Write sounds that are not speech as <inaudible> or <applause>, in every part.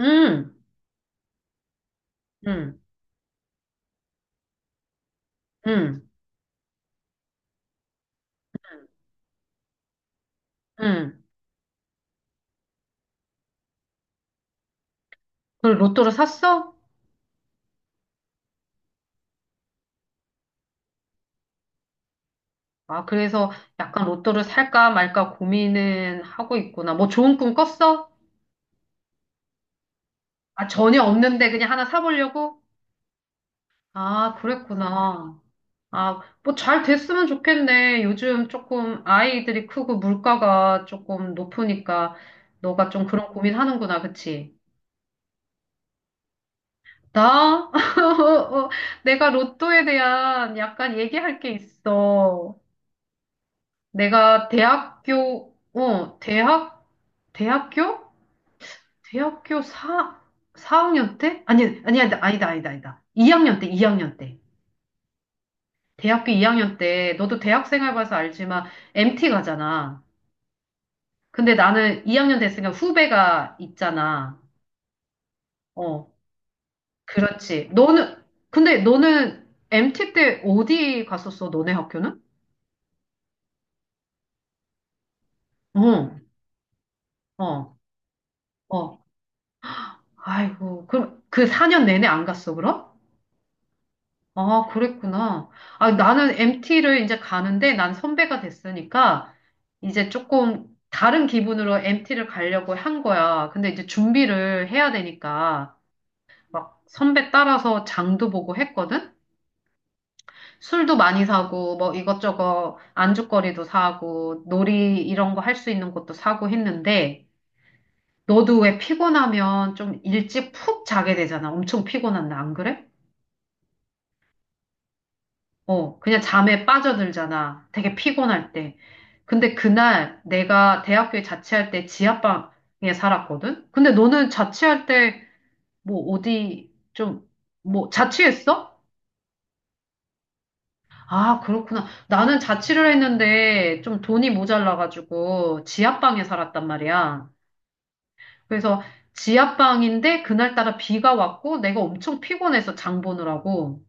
응, 응, 응, 응. 그걸 로또를 샀어? 아, 그래서 약간 로또를 살까 말까 고민은 하고 있구나. 뭐 좋은 꿈 꿨어? 아, 전혀 없는데 그냥 하나 사보려고? 아, 그랬구나. 아, 뭐 잘 됐으면 좋겠네. 요즘 조금 아이들이 크고 물가가 조금 높으니까 너가 좀 그런 고민하는구나, 그치? 나? <laughs> 어, 내가 로또에 대한 약간 얘기할 게 있어. 내가 대학교? 대학교 4학년 때? 아니, 아니, 아니다. 2학년 때, 2학년 때. 대학교 2학년 때, 너도 대학 생활 봐서 알지만, MT 가잖아. 근데 나는 2학년 됐으니까 후배가 있잖아. 어, 그렇지. 근데 너는 MT 때 어디 갔었어, 너네 학교는? 어, 어, 어. 아이고, 그럼 그 4년 내내 안 갔어, 그럼? 아, 그랬구나. 아, 나는 MT를 이제 가는데 난 선배가 됐으니까 이제 조금 다른 기분으로 MT를 가려고 한 거야. 근데 이제 준비를 해야 되니까 막 선배 따라서 장도 보고 했거든? 술도 많이 사고 뭐 이것저것 안주거리도 사고 놀이 이런 거 할 수 있는 것도 사고 했는데 너도 왜 피곤하면 좀 일찍 푹 자게 되잖아. 엄청 피곤한데 안 그래? 어, 그냥 잠에 빠져들잖아. 되게 피곤할 때. 근데 그날 내가 대학교에 자취할 때 지하방에 살았거든? 근데 너는 자취할 때 뭐 어디 좀, 뭐 자취했어? 아, 그렇구나. 나는 자취를 했는데 좀 돈이 모자라가지고 지하방에 살았단 말이야. 그래서 지하방인데 그날따라 비가 왔고 내가 엄청 피곤해서 장 보느라고.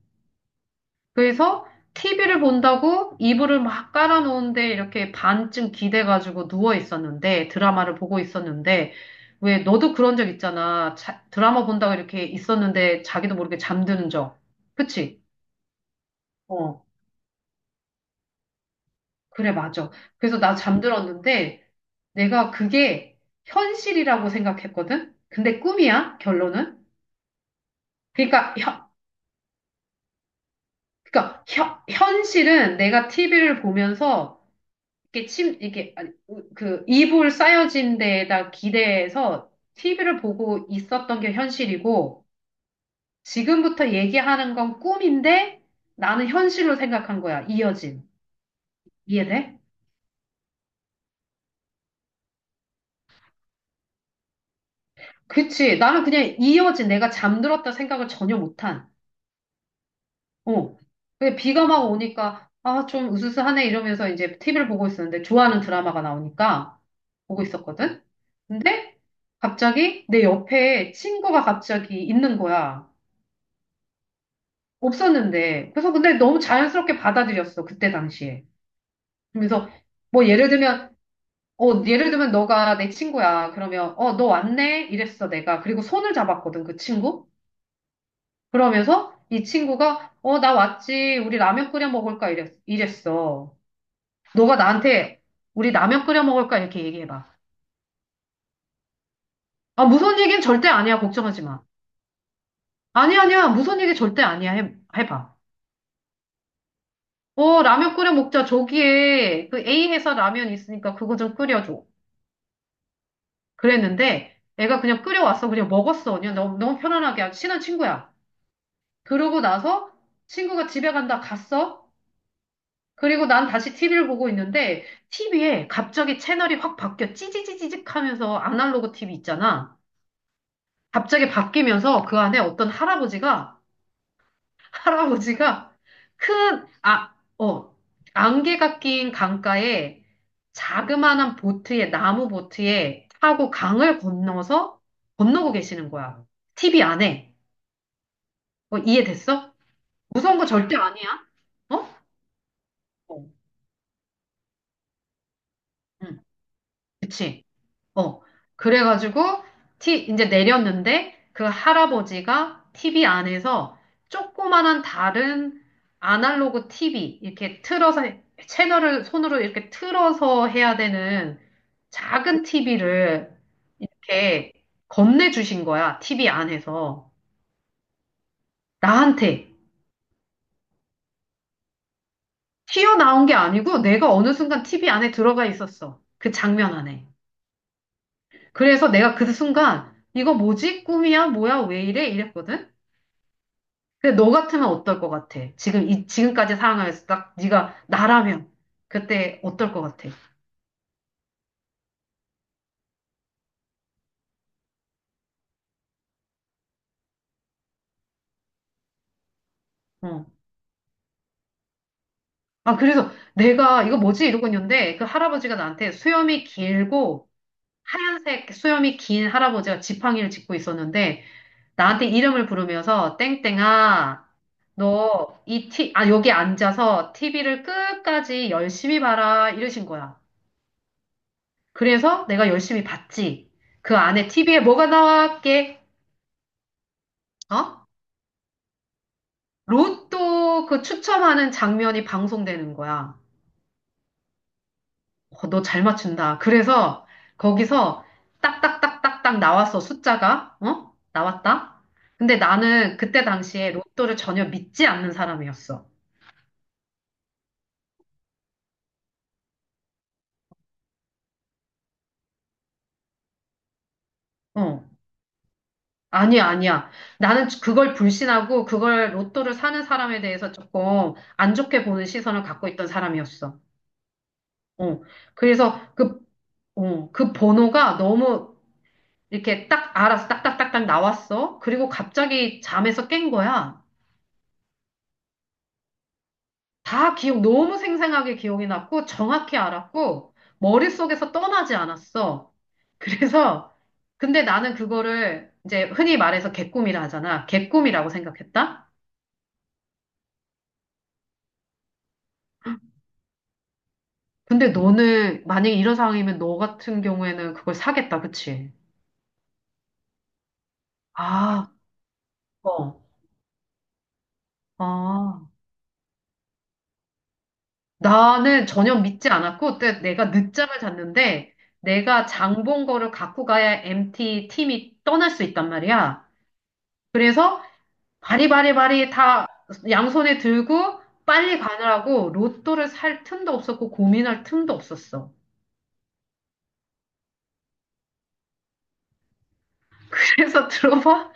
그래서 TV를 본다고 이불을 막 깔아놓은데 이렇게 반쯤 기대가지고 누워 있었는데 드라마를 보고 있었는데 왜 너도 그런 적 있잖아. 드라마 본다고 이렇게 있었는데 자기도 모르게 잠드는 적. 그치? 어, 그래, 맞아. 그래서 나 잠들었는데 내가 그게 현실이라고 생각했거든? 근데 꿈이야, 결론은. 그러니까, 현, 그러니까 현실은 내가 TV를 보면서 이게 침, 이게, 아니, 그, 이불 쌓여진 데에다 기대서 TV를 보고 있었던 게 현실이고, 지금부터 얘기하는 건 꿈인데, 나는 현실로 생각한 거야. 이어진. 이해돼? 그치. 나는 그냥 이어진 내가 잠들었다 생각을 전혀 못한. 어. 근데 비가 막 오니까, 아, 좀 으스스하네 이러면서 이제 TV를 보고 있었는데, 좋아하는 드라마가 나오니까 보고 있었거든? 근데 갑자기 내 옆에 친구가 갑자기 있는 거야. 없었는데. 그래서 근데 너무 자연스럽게 받아들였어, 그때 당시에. 그래서 뭐 예를 들면, 어, 예를 들면 너가 내 친구야. 그러면, 어, 너 왔네? 이랬어, 내가. 그리고 손을 잡았거든, 그 친구. 그러면서 이 친구가, 어, 나 왔지. 우리 라면 끓여 먹을까? 이랬어. 너가 나한테 우리 라면 끓여 먹을까? 이렇게 얘기해봐. 아, 무서운 얘기는 절대 아니야. 걱정하지 마. 아니야, 아니야. 무서운 얘기 절대 아니야. 해봐. 어, 라면 끓여 먹자. 저기에 그 A 회사 라면 있으니까 그거 좀 끓여줘. 그랬는데 애가 그냥 끓여왔어. 그냥 먹었어. 그냥 너무, 너무 편안하게 아주 친한 친구야. 그러고 나서 친구가 집에 간다 갔어. 그리고 난 다시 TV를 보고 있는데 TV에 갑자기 채널이 확 바뀌어 찌지지지직 하면서 아날로그 TV 있잖아. 갑자기 바뀌면서 그 안에 어떤 할아버지가 할아버지가 큰, 아, 어, 안개가 낀 강가에 자그마한 보트에, 나무 보트에 타고 강을 건너서 건너고 계시는 거야. TV 안에. 어, 이해됐어? 무서운 거 절대 아니야. 어? 어, 응, 그치. 어. 그래가지고, 이제 내렸는데, 그 할아버지가 TV 안에서 조그만한 다른 아날로그 TV, 이렇게 틀어서, 채널을 손으로 이렇게 틀어서 해야 되는 작은 TV를 이렇게 건네주신 거야, TV 안에서. 나한테. 튀어나온 게 아니고, 내가 어느 순간 TV 안에 들어가 있었어. 그 장면 안에. 그래서 내가 그 순간, 이거 뭐지? 꿈이야? 뭐야? 왜 이래? 이랬거든? 근데 너 같으면 어떨 것 같아? 지금 이 지금까지 사아남서딱 네가 나라면 그때 어떨 것 같아? 어. 아, 그래서 내가 이거 뭐지 이러고 있는데 그 할아버지가 나한테 수염이 길고 하얀색 수염이 긴 할아버지가 지팡이를 짚고 있었는데 나한테 이름을 부르면서 땡땡아 너 이 티, 아 여기 앉아서 TV를 끝까지 열심히 봐라 이러신 거야. 그래서 내가 열심히 봤지. 그 안에 TV에 뭐가 나왔게? 어? 로또 그 추첨하는 장면이 방송되는 거야. 어, 너 잘 맞춘다. 그래서 거기서 딱딱딱딱딱 나왔어, 숫자가. 어? 나왔다. 근데 나는 그때 당시에 로또를 전혀 믿지 않는 사람이었어. 어. 아니야, 아니야. 나는 그걸 불신하고 그걸 로또를 사는 사람에 대해서 조금 안 좋게 보는 시선을 갖고 있던 사람이었어. 어. 그래서 그, 어, 그 번호가 너무 이렇게 딱 알아서 딱딱딱딱 나왔어. 그리고 갑자기 잠에서 깬 거야. 너무 생생하게 기억이 났고, 정확히 알았고, 머릿속에서 떠나지 않았어. <laughs> 그래서, 근데 나는 그거를 이제 흔히 말해서 개꿈이라 하잖아. 개꿈이라고 생각했다? 근데 너는, 만약에 이런 상황이면 너 같은 경우에는 그걸 사겠다, 그치? 아, 어, 아. 나는 전혀 믿지 않았고, 때 내가 늦잠을 잤는데, 내가 장본 거를 갖고 가야 MT 팀이 떠날 수 있단 말이야. 그래서 바리바리바리 다 양손에 들고 빨리 가느라고 로또를 살 틈도 없었고 고민할 틈도 없었어. 그래서 <laughs> 들어봐.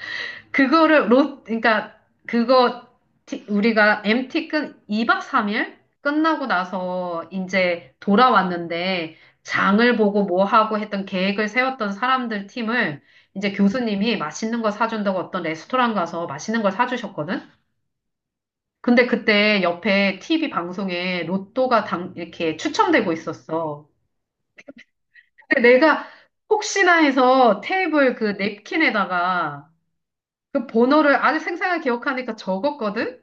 그거를 로, 그러니까 그거 티- 우리가 MT 끈 2박 3일 끝나고 나서 이제 돌아왔는데 장을 보고 뭐 하고 했던 계획을 세웠던 사람들 팀을 이제 교수님이 맛있는 거 사준다고 어떤 레스토랑 가서 맛있는 걸 사주셨거든? 근데 그때 옆에 TV 방송에 로또가 이렇게 추첨되고 있었어. 근데 내가 혹시나 해서 테이블 그 냅킨에다가 그 번호를 아주 생생하게 기억하니까 적었거든?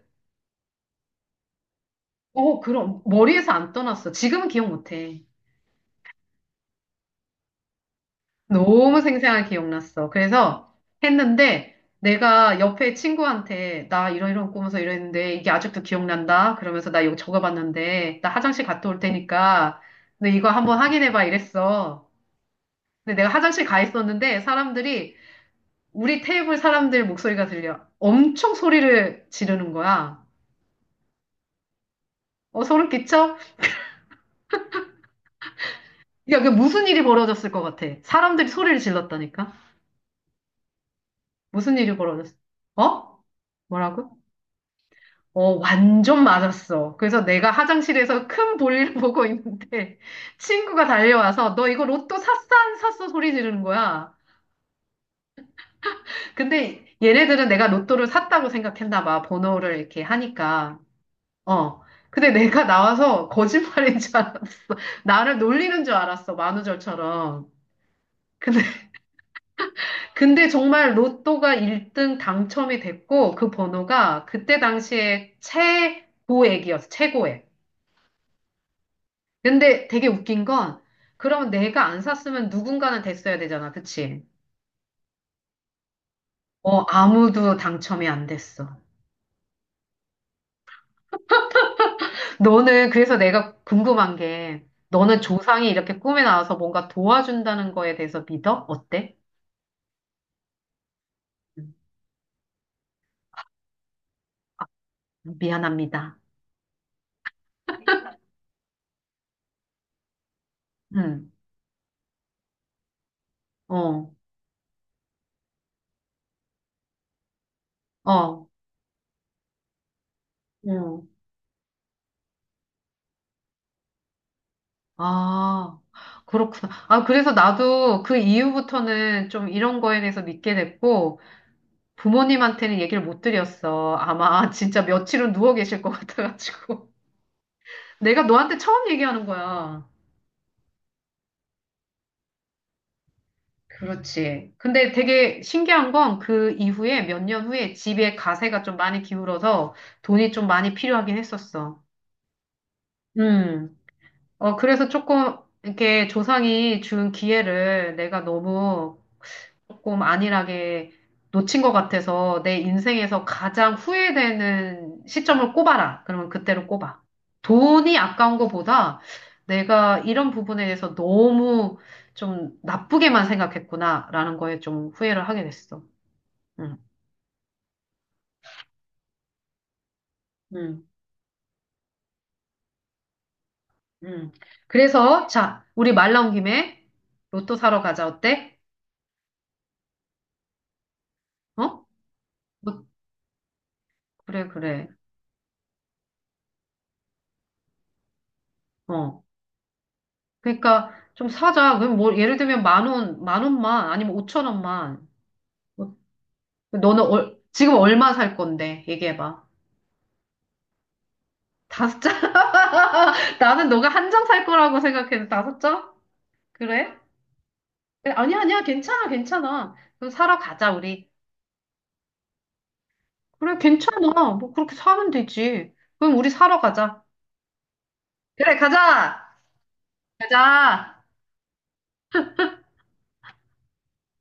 어, 그럼 머리에서 안 떠났어. 지금은 기억 못해. 너무 생생하게 기억났어. 그래서 했는데 내가 옆에 친구한테 나 이런 이런 꾸면서 이랬는데 이게 아직도 기억난다. 그러면서 나 이거 적어봤는데 나 화장실 갔다 올 테니까 너 이거 한번 확인해봐 이랬어. 근데 내가 화장실 가 있었는데 사람들이 우리 테이블 사람들 목소리가 들려. 엄청 소리를 지르는 거야. 어, 소름 끼쳐? 야, 게 무슨 일이 벌어졌을 것 같아. 사람들이 소리를 질렀다니까. 무슨 일이 벌어졌어? 어? 뭐라고? 어, 완전 맞았어. 그래서 내가 화장실에서 큰 볼일 <laughs> 보고 있는데 친구가 달려와서 너 이거 로또 샀어? 안 샀어? 소리 지르는 거야. 근데 얘네들은 내가 로또를 샀다고 생각했나 봐. 번호를 이렇게 하니까. 어. 근데 내가 나와서 거짓말인 줄 알았어. <laughs> 나를 놀리는 줄 알았어. 만우절처럼. 근데 근데 정말 로또가 1등 당첨이 됐고, 그 번호가 그때 당시에 최고액이었어, 최고액. 근데 되게 웃긴 건, 그럼 내가 안 샀으면 누군가는 됐어야 되잖아, 그치? 어, 아무도 당첨이 안 됐어. 너는, 그래서 내가 궁금한 게, 너는 조상이 이렇게 꿈에 나와서 뭔가 도와준다는 거에 대해서 믿어? 어때? 음, 미안합니다. 응, 어, 어, 응. 아, 그렇구나. 아, 그래서 나도 그 이후부터는 좀 이런 거에 대해서 믿게 됐고, 부모님한테는 얘기를 못 드렸어. 아마 <laughs> 진짜 며칠은 누워 계실 것 같아가지고. <laughs> 내가 너한테 처음 얘기하는 거야. 그렇지. 근데 되게 신기한 건 그 이후에 몇 년 후에 집에 가세가 좀 많이 기울어서 돈이 좀 많이 필요하긴 했었어. 음. 어, 그래서 조금 이렇게 조상이 준 기회를 내가 너무 조금 안일하게 놓친 것 같아서 내 인생에서 가장 후회되는 시점을 꼽아라. 그러면 그때로 꼽아. 돈이 아까운 것보다 내가 이런 부분에 대해서 너무 좀 나쁘게만 생각했구나라는 거에 좀 후회를 하게 됐어. 응, 응, 응. 그래서 자, 우리 말 나온 김에 로또 사러 가자. 어때? 어? 뭐, 그래, 그래. 어. 그러니까 좀 사자. 그럼 뭐 예를 들면 10,000원, 10,000원만 아니면 5,000원만. 뭐 너는 지금 얼마 살 건데? 얘기해봐. 다섯 장? <laughs> 나는 너가 한 장 살 거라고 생각해서 다섯 장? 그래? 그래, 아니야, 아니야. 괜찮아, 괜찮아. 그럼 사러 가자, 우리. 그래, 괜찮아. 뭐 그렇게 사면 되지. 그럼 우리 사러 가자. 그래, 가자! 가자!